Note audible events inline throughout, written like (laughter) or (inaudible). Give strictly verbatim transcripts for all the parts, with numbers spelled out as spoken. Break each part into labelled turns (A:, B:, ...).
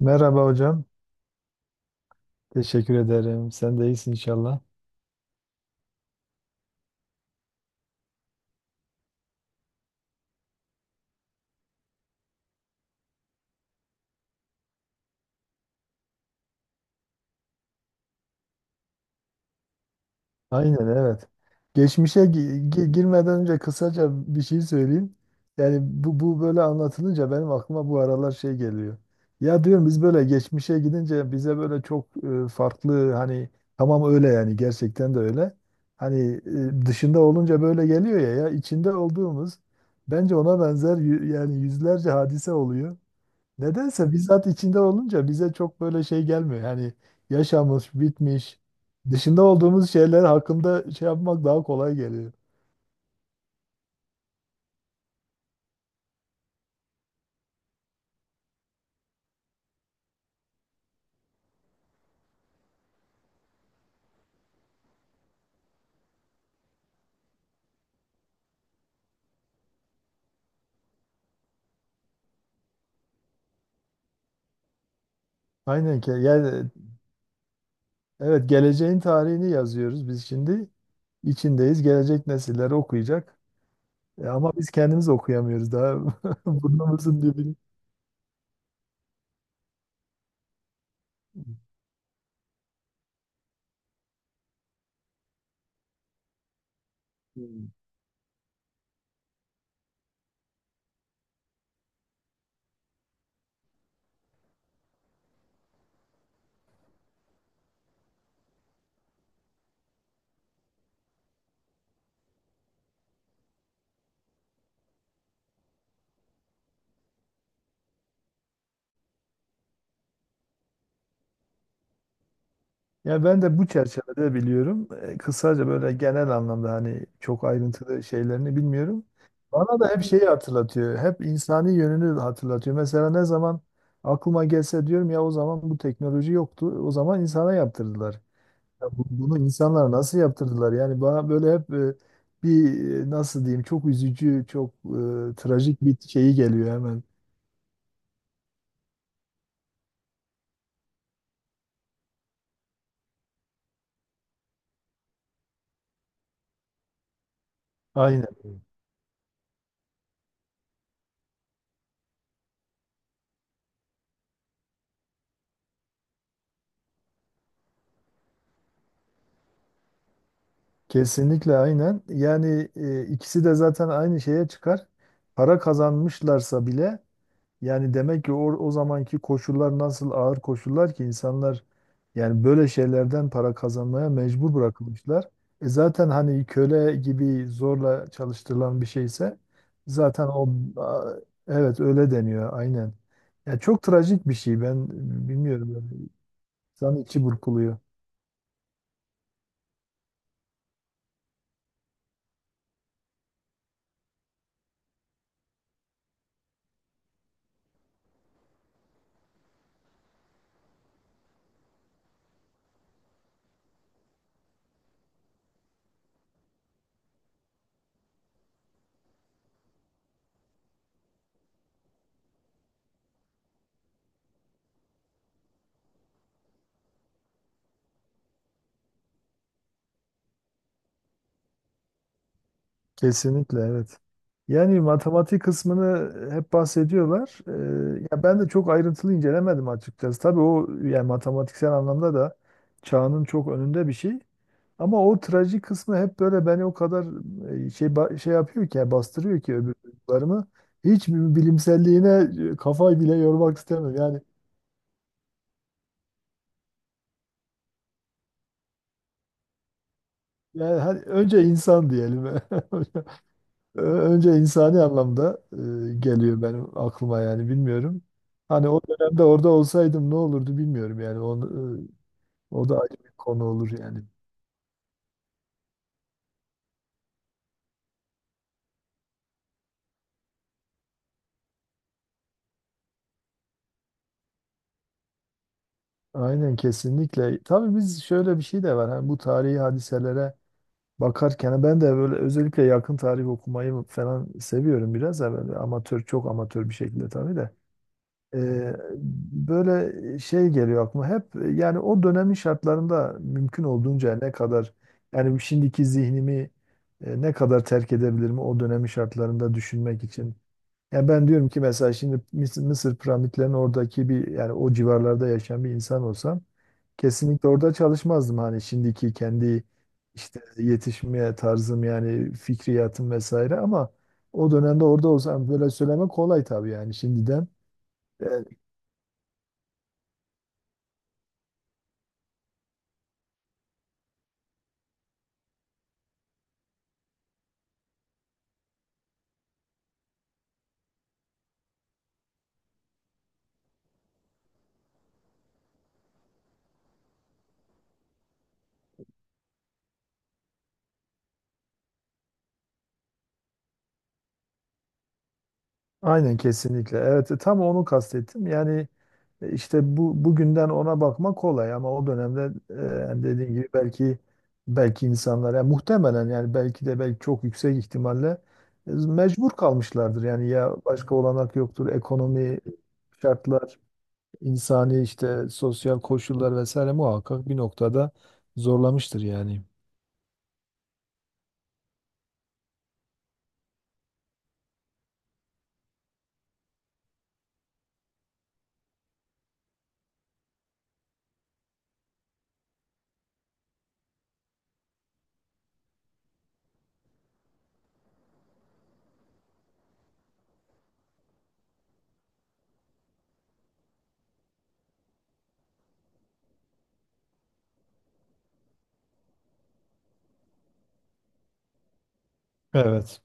A: Merhaba hocam. Teşekkür ederim. Sen de iyisin inşallah. Aynen, evet. Geçmişe gi- gi- girmeden önce kısaca bir şey söyleyeyim. Yani bu, bu böyle anlatılınca benim aklıma bu aralar şey geliyor. Ya diyorum biz böyle geçmişe gidince bize böyle çok e, farklı, hani tamam öyle, yani gerçekten de öyle. Hani e, dışında olunca böyle geliyor ya, ya içinde olduğumuz bence ona benzer yü- yani yüzlerce hadise oluyor. Nedense bizzat içinde olunca bize çok böyle şey gelmiyor. Yani yaşamış, bitmiş, dışında olduğumuz şeyler hakkında şey yapmak daha kolay geliyor. Aynen ki. Yani evet, geleceğin tarihini yazıyoruz biz şimdi. İçindeyiz. Gelecek nesiller okuyacak. E, ama biz kendimiz okuyamıyoruz daha (laughs) burnumuzun dibini. Hmm. Ya ben de bu çerçevede biliyorum. E, kısaca böyle genel anlamda hani çok ayrıntılı şeylerini bilmiyorum. Bana da hep şeyi hatırlatıyor. Hep insani yönünü hatırlatıyor. Mesela ne zaman aklıma gelse diyorum ya o zaman bu teknoloji yoktu. O zaman insana yaptırdılar. Ya bu- bunu insanlar nasıl yaptırdılar? Yani bana böyle hep e, bir e, nasıl diyeyim, çok üzücü, çok e, trajik bir şeyi geliyor hemen. Aynen. Kesinlikle aynen. Yani e, ikisi de zaten aynı şeye çıkar. Para kazanmışlarsa bile yani demek ki o, o zamanki koşullar nasıl ağır koşullar ki insanlar yani böyle şeylerden para kazanmaya mecbur bırakılmışlar. E zaten hani köle gibi zorla çalıştırılan bir şeyse zaten o a, evet öyle deniyor, aynen. Ya çok trajik bir şey ben e, bilmiyorum yani, insan içi burkuluyor. Kesinlikle evet. Yani matematik kısmını hep bahsediyorlar. Ee, ya ben de çok ayrıntılı incelemedim açıkçası. Tabii o, yani matematiksel anlamda da çağının çok önünde bir şey. Ama o trajik kısmı hep böyle beni o kadar e, şey ba- şey yapıyor ki, yani bastırıyor ki öbür duygularımı. Hiç bir bilimselliğine e, kafayı bile yormak istemem. Yani yani hani önce insan diyelim. (laughs) Ee, Önce insani anlamda e, geliyor benim aklıma, yani bilmiyorum. Hani o dönemde orada olsaydım ne olurdu bilmiyorum, yani onu, e, o da ayrı bir konu olur yani. Aynen kesinlikle. Tabii biz, şöyle bir şey de var. Hani bu tarihi hadiselere bakarken hani ben de böyle özellikle yakın tarih okumayı falan seviyorum, biraz da böyle amatör, çok amatör bir şekilde tabii de. Eee, Böyle şey geliyor aklıma hep, yani o dönemin şartlarında mümkün olduğunca ne kadar yani şimdiki zihnimi e, ne kadar terk edebilirim o dönemin şartlarında düşünmek için. Yani ben diyorum ki mesela şimdi Mısır, Mısır piramitlerinin oradaki bir, yani o civarlarda yaşayan bir insan olsam kesinlikle orada çalışmazdım, hani şimdiki kendi işte yetişmeye tarzım yani fikriyatım vesaire, ama o dönemde orada olsam böyle söylemek kolay tabii, yani şimdiden. Aynen kesinlikle. Evet, e, tam onu kastettim. Yani e, işte bu bugünden ona bakmak kolay ama o dönemde e, hani dediğim gibi belki, belki insanlar yani muhtemelen yani belki de belki çok yüksek ihtimalle e, mecbur kalmışlardır. Yani ya başka olanak yoktur. Ekonomi, şartlar, insani işte sosyal koşullar vesaire muhakkak bir noktada zorlamıştır yani. Evet.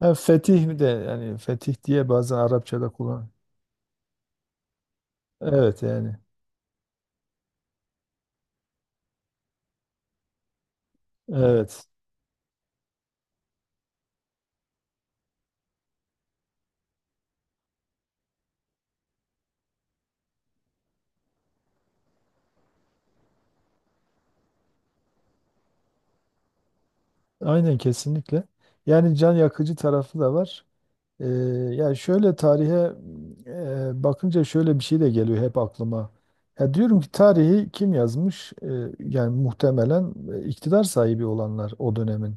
A: Ha, fetih de, yani fetih diye bazen Arapçada kullan. Evet yani. Evet. Aynen kesinlikle. Yani can yakıcı tarafı da var. Ee, Yani şöyle tarihe e, bakınca şöyle bir şey de geliyor hep aklıma. Ya diyorum ki tarihi kim yazmış? Ee, yani muhtemelen e, iktidar sahibi olanlar o dönemin.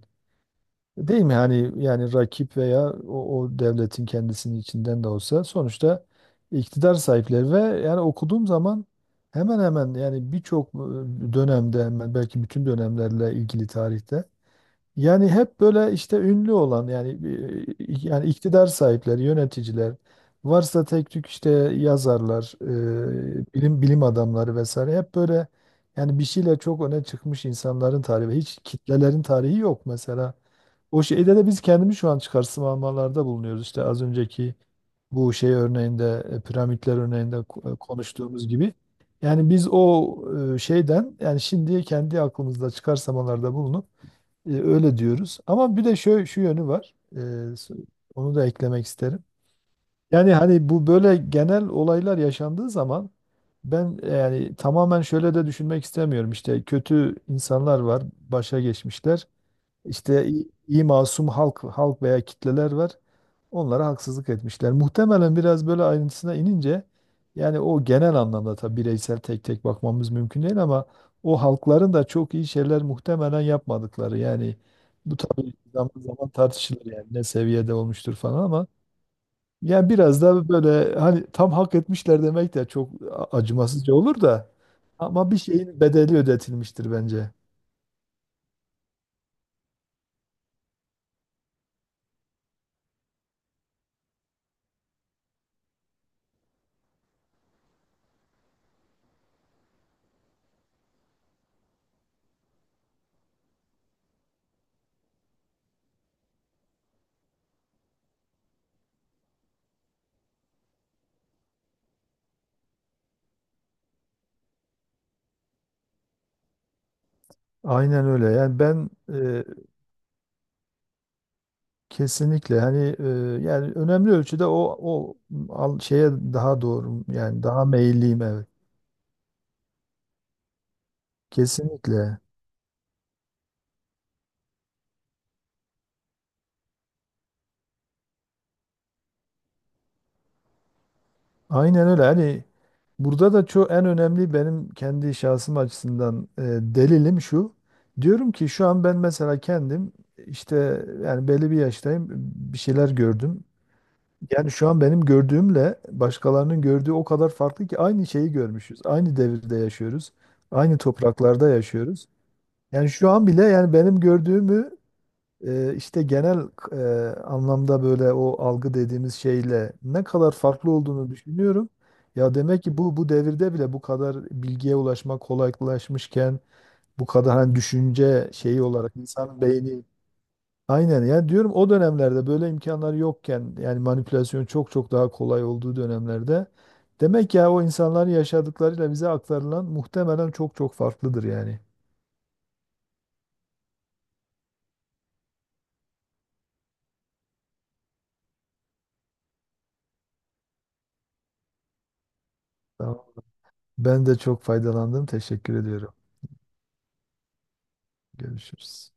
A: Değil mi? Hani yani rakip veya o, o devletin kendisinin içinden de olsa sonuçta iktidar sahipleri, ve yani okuduğum zaman hemen hemen yani birçok e, dönemde, hemen belki bütün dönemlerle ilgili tarihte yani hep böyle işte ünlü olan yani bir- yani iktidar sahipleri, yöneticiler, varsa tek tük işte yazarlar, e, bilim bilim adamları vesaire, hep böyle yani bir şeyle çok öne çıkmış insanların tarihi, hiç kitlelerin tarihi yok mesela. O şeyde de biz kendimiz şu an çıkarsamalarda bulunuyoruz, işte az önceki bu şey örneğinde, e, piramitler örneğinde ko- e, konuştuğumuz gibi. Yani biz o e, şeyden, yani şimdi kendi aklımızda çıkarsamalarda bulunup e, öyle diyoruz. Ama bir de şu, şu yönü var. E, s- Onu da eklemek isterim. Yani hani bu böyle genel olaylar yaşandığı zaman ben yani tamamen şöyle de düşünmek istemiyorum. İşte kötü insanlar var, başa geçmişler. İşte iyi iyi masum halk halk veya kitleler var. Onlara haksızlık etmişler. Muhtemelen biraz böyle ayrıntısına inince yani o genel anlamda tabii bireysel tek tek bakmamız mümkün değil ama o halkların da çok iyi şeyler muhtemelen yapmadıkları, yani bu tabii zaman zaman tartışılır yani ne seviyede olmuştur falan, ama yani biraz da böyle hani tam hak etmişler demek de çok a- acımasızca olur da, ama bir şeyin bedeli ödetilmiştir bence. Aynen öyle. Yani ben kesinlikle, hani e, yani önemli ölçüde o o al, şeye daha doğru, yani daha meyilliyim, evet. Kesinlikle. Aynen öyle. Hani burada da çok en önemli benim kendi şahsım açısından e, delilim şu. Diyorum ki şu an ben mesela kendim işte yani belli bir yaştayım, bir şeyler gördüm. Yani şu an benim gördüğümle başkalarının gördüğü o kadar farklı ki, aynı şeyi görmüşüz. Aynı devirde yaşıyoruz. Aynı topraklarda yaşıyoruz. Yani şu an bile yani benim gördüğümü e, işte genel e, anlamda, böyle o algı dediğimiz şeyle ne kadar farklı olduğunu düşünüyorum. Ya demek ki bu bu devirde bile bu kadar bilgiye ulaşmak kolaylaşmışken, bu kadar hani düşünce şeyi olarak insanın beyni aynen, yani diyorum o dönemlerde böyle imkanlar yokken, yani manipülasyon çok çok daha kolay olduğu dönemlerde demek ya o insanların yaşadıklarıyla bize aktarılan muhtemelen çok çok farklıdır yani. Tamam. Ben de çok faydalandım. Teşekkür ediyorum. Görüşürüz.